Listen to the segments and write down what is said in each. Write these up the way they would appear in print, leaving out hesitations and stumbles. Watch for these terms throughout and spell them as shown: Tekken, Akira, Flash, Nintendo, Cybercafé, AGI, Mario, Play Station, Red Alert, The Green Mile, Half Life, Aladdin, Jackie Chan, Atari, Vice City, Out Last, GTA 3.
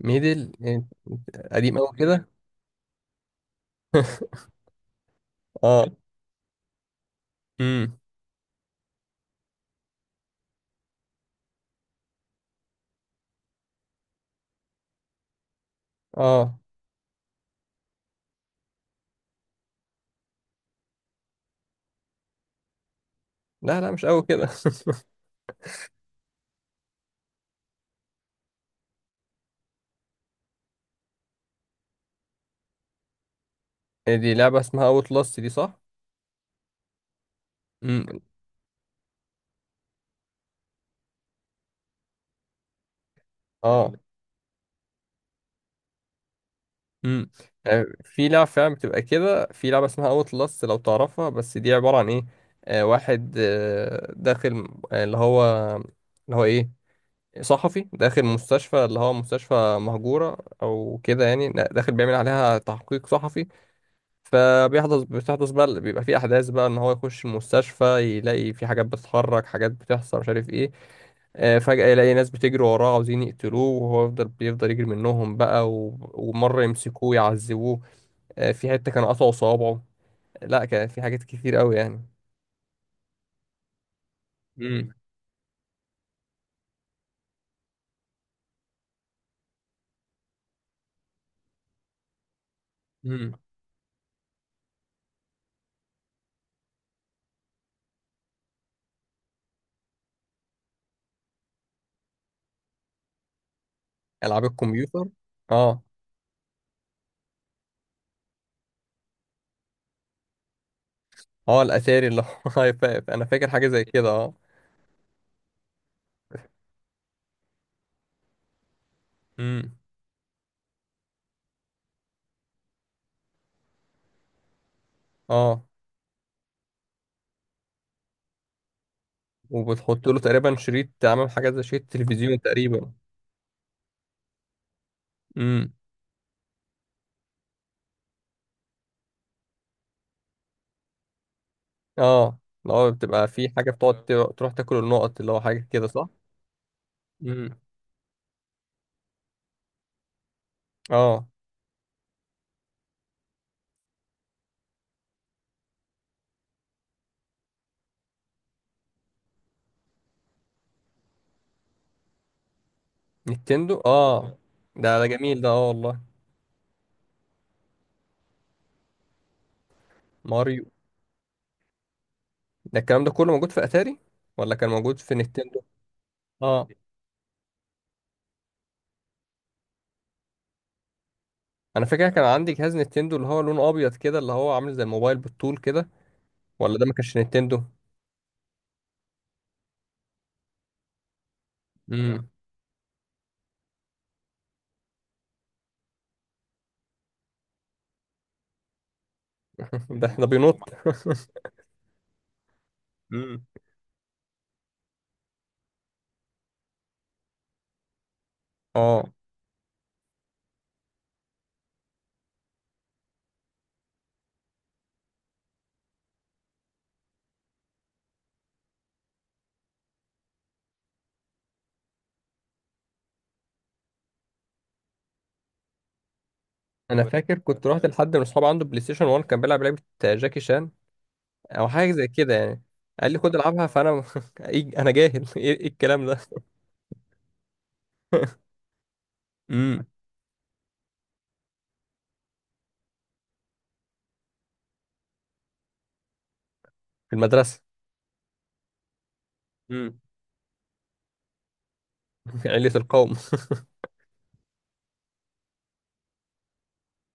ميدل إيه؟ قديم قوي كده. اه. امم. اه. لا، مش قوي كده. دي لعبة اسمها اوت لاست، دي؟ صح؟ امم. اه. امم. في لعبة فعلا بتبقى كده، في لعبة اسمها اوت لاست لو تعرفها، بس دي عبارة عن ايه. واحد داخل، اللي هو. اللي هو ايه؟ صحفي داخل مستشفى، اللي هو مستشفى مهجورة او كده يعني، داخل بيعمل عليها تحقيق صحفي. بتحدث بقى، بيبقى في احداث بقى ان هو يخش المستشفى، يلاقي في حاجات بتتحرك، حاجات بتحصل، مش عارف ايه. فجأة يلاقي ناس بتجري وراه عاوزين يقتلوه، وهو بيفضل يجري منهم بقى ومرة يمسكوه يعذبوه. في حتة كان قطعوا صوابعه. لا، كان في حاجات كتير قوي يعني. امم. امم. العاب الكمبيوتر. اه. اه. الاتاري اللي هو هيفاقف، انا فاكر حاجة زي كده. اه. امم. اه. وبتحط له تقريبا شريط، عامل حاجة زي شريط تلفزيون تقريبا. اه، اللي هو بتبقى في حاجة بتقعد تروح تاكل النقط، اللي هو حاجة كده، صح؟ امم. اه. نينتندو. اه. ده جميل، ده اه والله. ماريو. ده الكلام ده كله موجود في اتاري ولا كان موجود في نينتندو؟ اه، انا فاكر كان عندي جهاز نينتندو اللي هو لونه ابيض كده، اللي هو عامل زي الموبايل بالطول كده. ولا ده ما كانش نينتندو؟ امم. ده بينط. امم. اه. انا فاكر كنت رحت لحد من اصحابي عنده بلاي ستيشن 1، كان بيلعب لعبة جاكي شان او حاجه زي كده يعني. قال لي خد العبها، فانا انا جاهل. إيه الكلام ده. امم. في المدرسه. امم. علة القوم.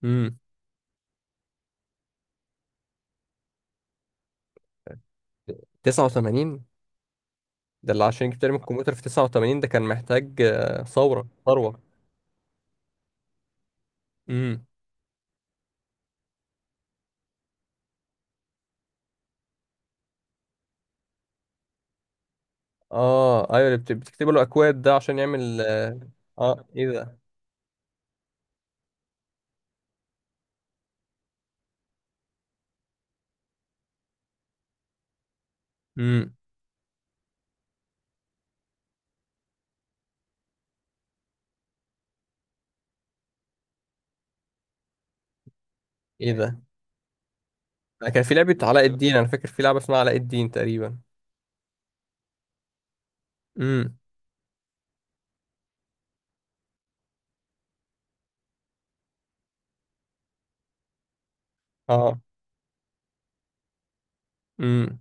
امم. 89. ده اللي عشان يجيب تقريبا الكمبيوتر في 89، ده كان محتاج ثروه. امم. اه، ايوه، اللي بتكتب له اكواد ده عشان يعمل. اه. ايه ده. امم. ايه ده؟ أنا كان في لعبه علاء الدين، انا فاكر في لعبه اسمها علاء الدين تقريبا. امم. اه. امم.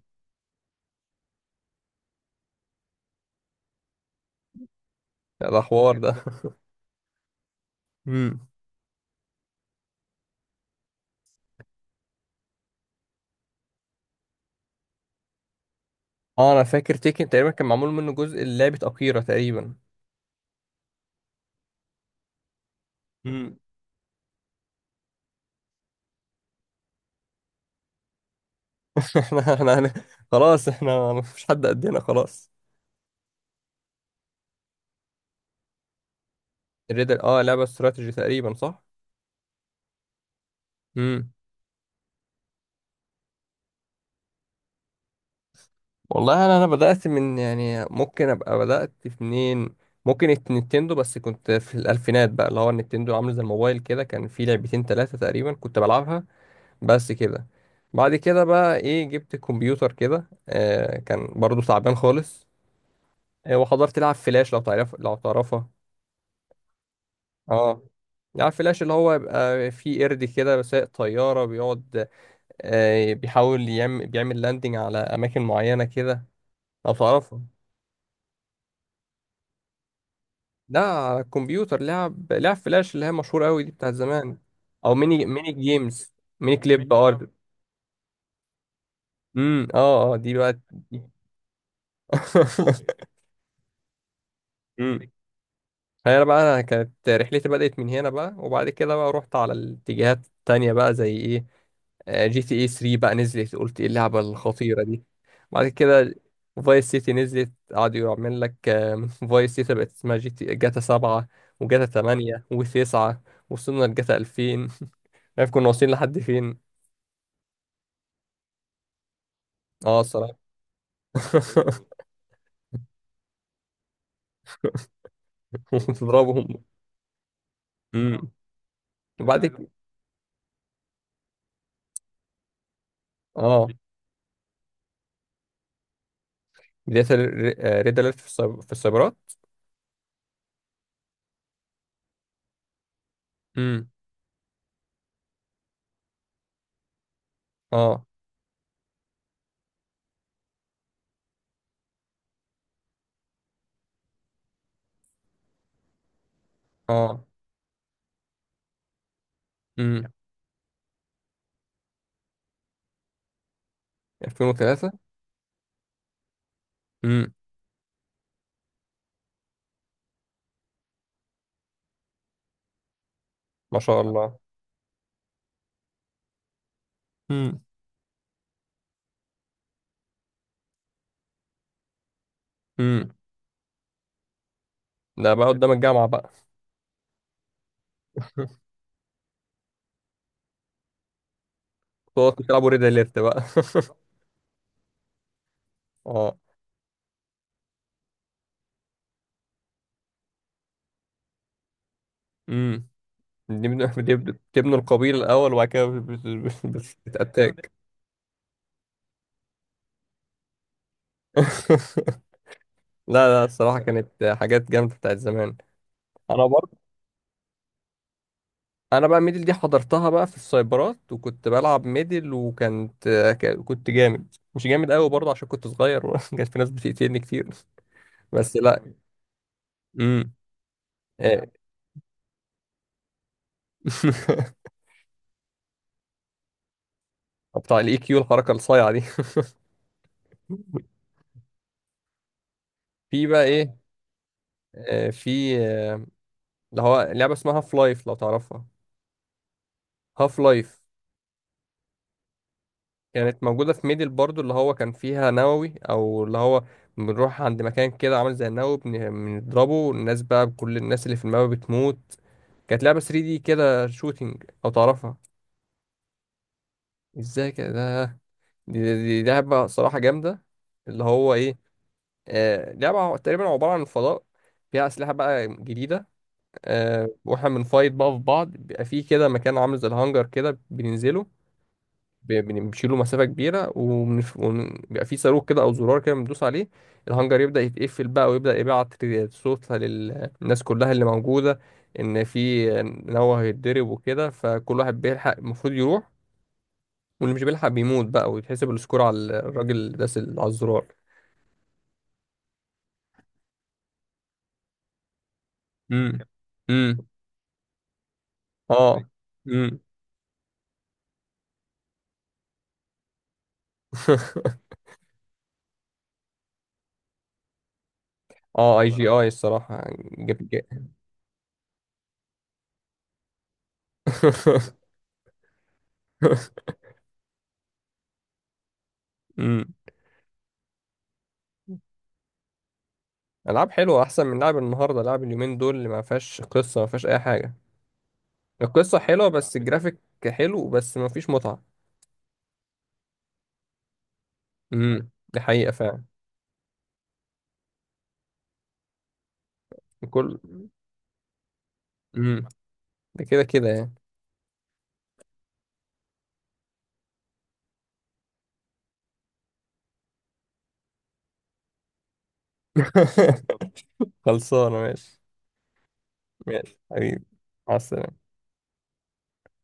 ده حوار ده. اه، انا فاكر تيكن تقريبا كان معمول منه جزء لعبة أكيرا تقريبا. امم. احنا خلاص، احنا مفيش حد قدنا خلاص. الريدل، اه، لعبة استراتيجي تقريبا، صح؟ امم. والله، انا بدأت من، يعني ممكن ابقى بدأت في منين. ممكن نينتندو. بس كنت في الألفينات بقى، اللي هو النينتندو عامل زي الموبايل كده، كان في لعبتين ثلاثة تقريبا كنت بلعبها. بس كده. بعد كده بقى ايه، جبت كمبيوتر كده كان برضو تعبان خالص. وحضرت لعب فلاش، لو تعرفها. اه، عارف، فلاش اللي هو يبقى فيه قرد كده سايق طيارة، بيقعد بيحاول بيعمل لاندنج على أماكن معينة كده. لو تعرفها. لا، على الكمبيوتر، لعب فلاش اللي هي مشهورة أوي دي، بتاعت زمان. أو ميني جيمز، ميني كليب ارت. امم. اه. اه. دي بقى. دي. هي بقى، انا كانت رحلتي بدأت من هنا بقى، وبعد كده بقى رحت على الاتجاهات التانية بقى، زي ايه. جي تي اي 3 بقى، نزلت قلت ايه اللعبة الخطيرة دي. بعد كده فايس سيتي نزلت، قعدوا يعمل لك فايس سيتي. بقت اسمها جي تي جاتا 7 وجاتا 8 و9، وصلنا لجاتا 2000. عارف كنا واصلين لحد فين؟ اه، الصراحة. وتضربهم. امم. وبعد كده. اه، بداية ريد اليرت في في السايبرات. امم. اه. اه. 2003. امم. ما شاء الله. امم. امم. ده بقى. قدام الجامعة بقى. تقعد تلعبوا ريد اليرت بقى. اه. امم. بتبنوا القبيل الأول، وبعد كده بتأتاك. لا لا، الصراحة كانت حاجات جامدة بتاعت زمان. أنا برضه. أنا بقى، ميدل دي حضرتها بقى في السايبرات، وكنت بلعب ميدل وكانت، كنت جامد، مش جامد قوي برضه عشان كنت صغير. كانت في ناس بتقتلني كتير. بس لا. امم. آه. بتاع الاي كيو، الحركه الصايعه دي. في بقى ايه. آه، في آه، اللي هو لعبه اسمها هاف لايف، لو تعرفها. هاف لايف. كانت موجوده في ميدل برضو، اللي هو كان فيها نووي او اللي هو بنروح عند مكان كده عامل زي النووي، بنضربه الناس بقى، كل الناس اللي في الماب بتموت. كانت لعبه 3 دي كده، شوتينج، لو تعرفها. ازاي كده دي لعبه صراحه جامده. اللي هو ايه؟ آه، لعبه تقريبا عباره عن فضاء، فيها اسلحه بقى جديده. واحنا بنفايت بقى في بعض، بيبقى في كده مكان عامل زي الهانجر كده، بننزله. بنشيله مسافة كبيرة، وبيبقى في صاروخ كده أو زرار كده بندوس عليه. الهانجر يبدأ يتقفل بقى، ويبدأ يبعت صوت للناس كلها اللي موجودة، إن هو هيتضرب وكده، فكل واحد بيلحق المفروض يروح. واللي مش بيلحق بيموت بقى، ويتحسب السكور على الراجل اللي داس على الزرار. امم. امم. اه. امم. اه، اي جي اي الصراحة. جبت. امم. العاب حلوه احسن من لعب النهارده، لعب اليومين دول اللي ما فيهاش قصه، ما فيهاش اي حاجه. القصه حلوه بس، الجرافيك حلو بس ما فيش متعه. امم. دي حقيقه فعلا. كل. امم. ده كده كده يعني. خلصانه، ماشي. ماشي حبيبي. مع السلامه.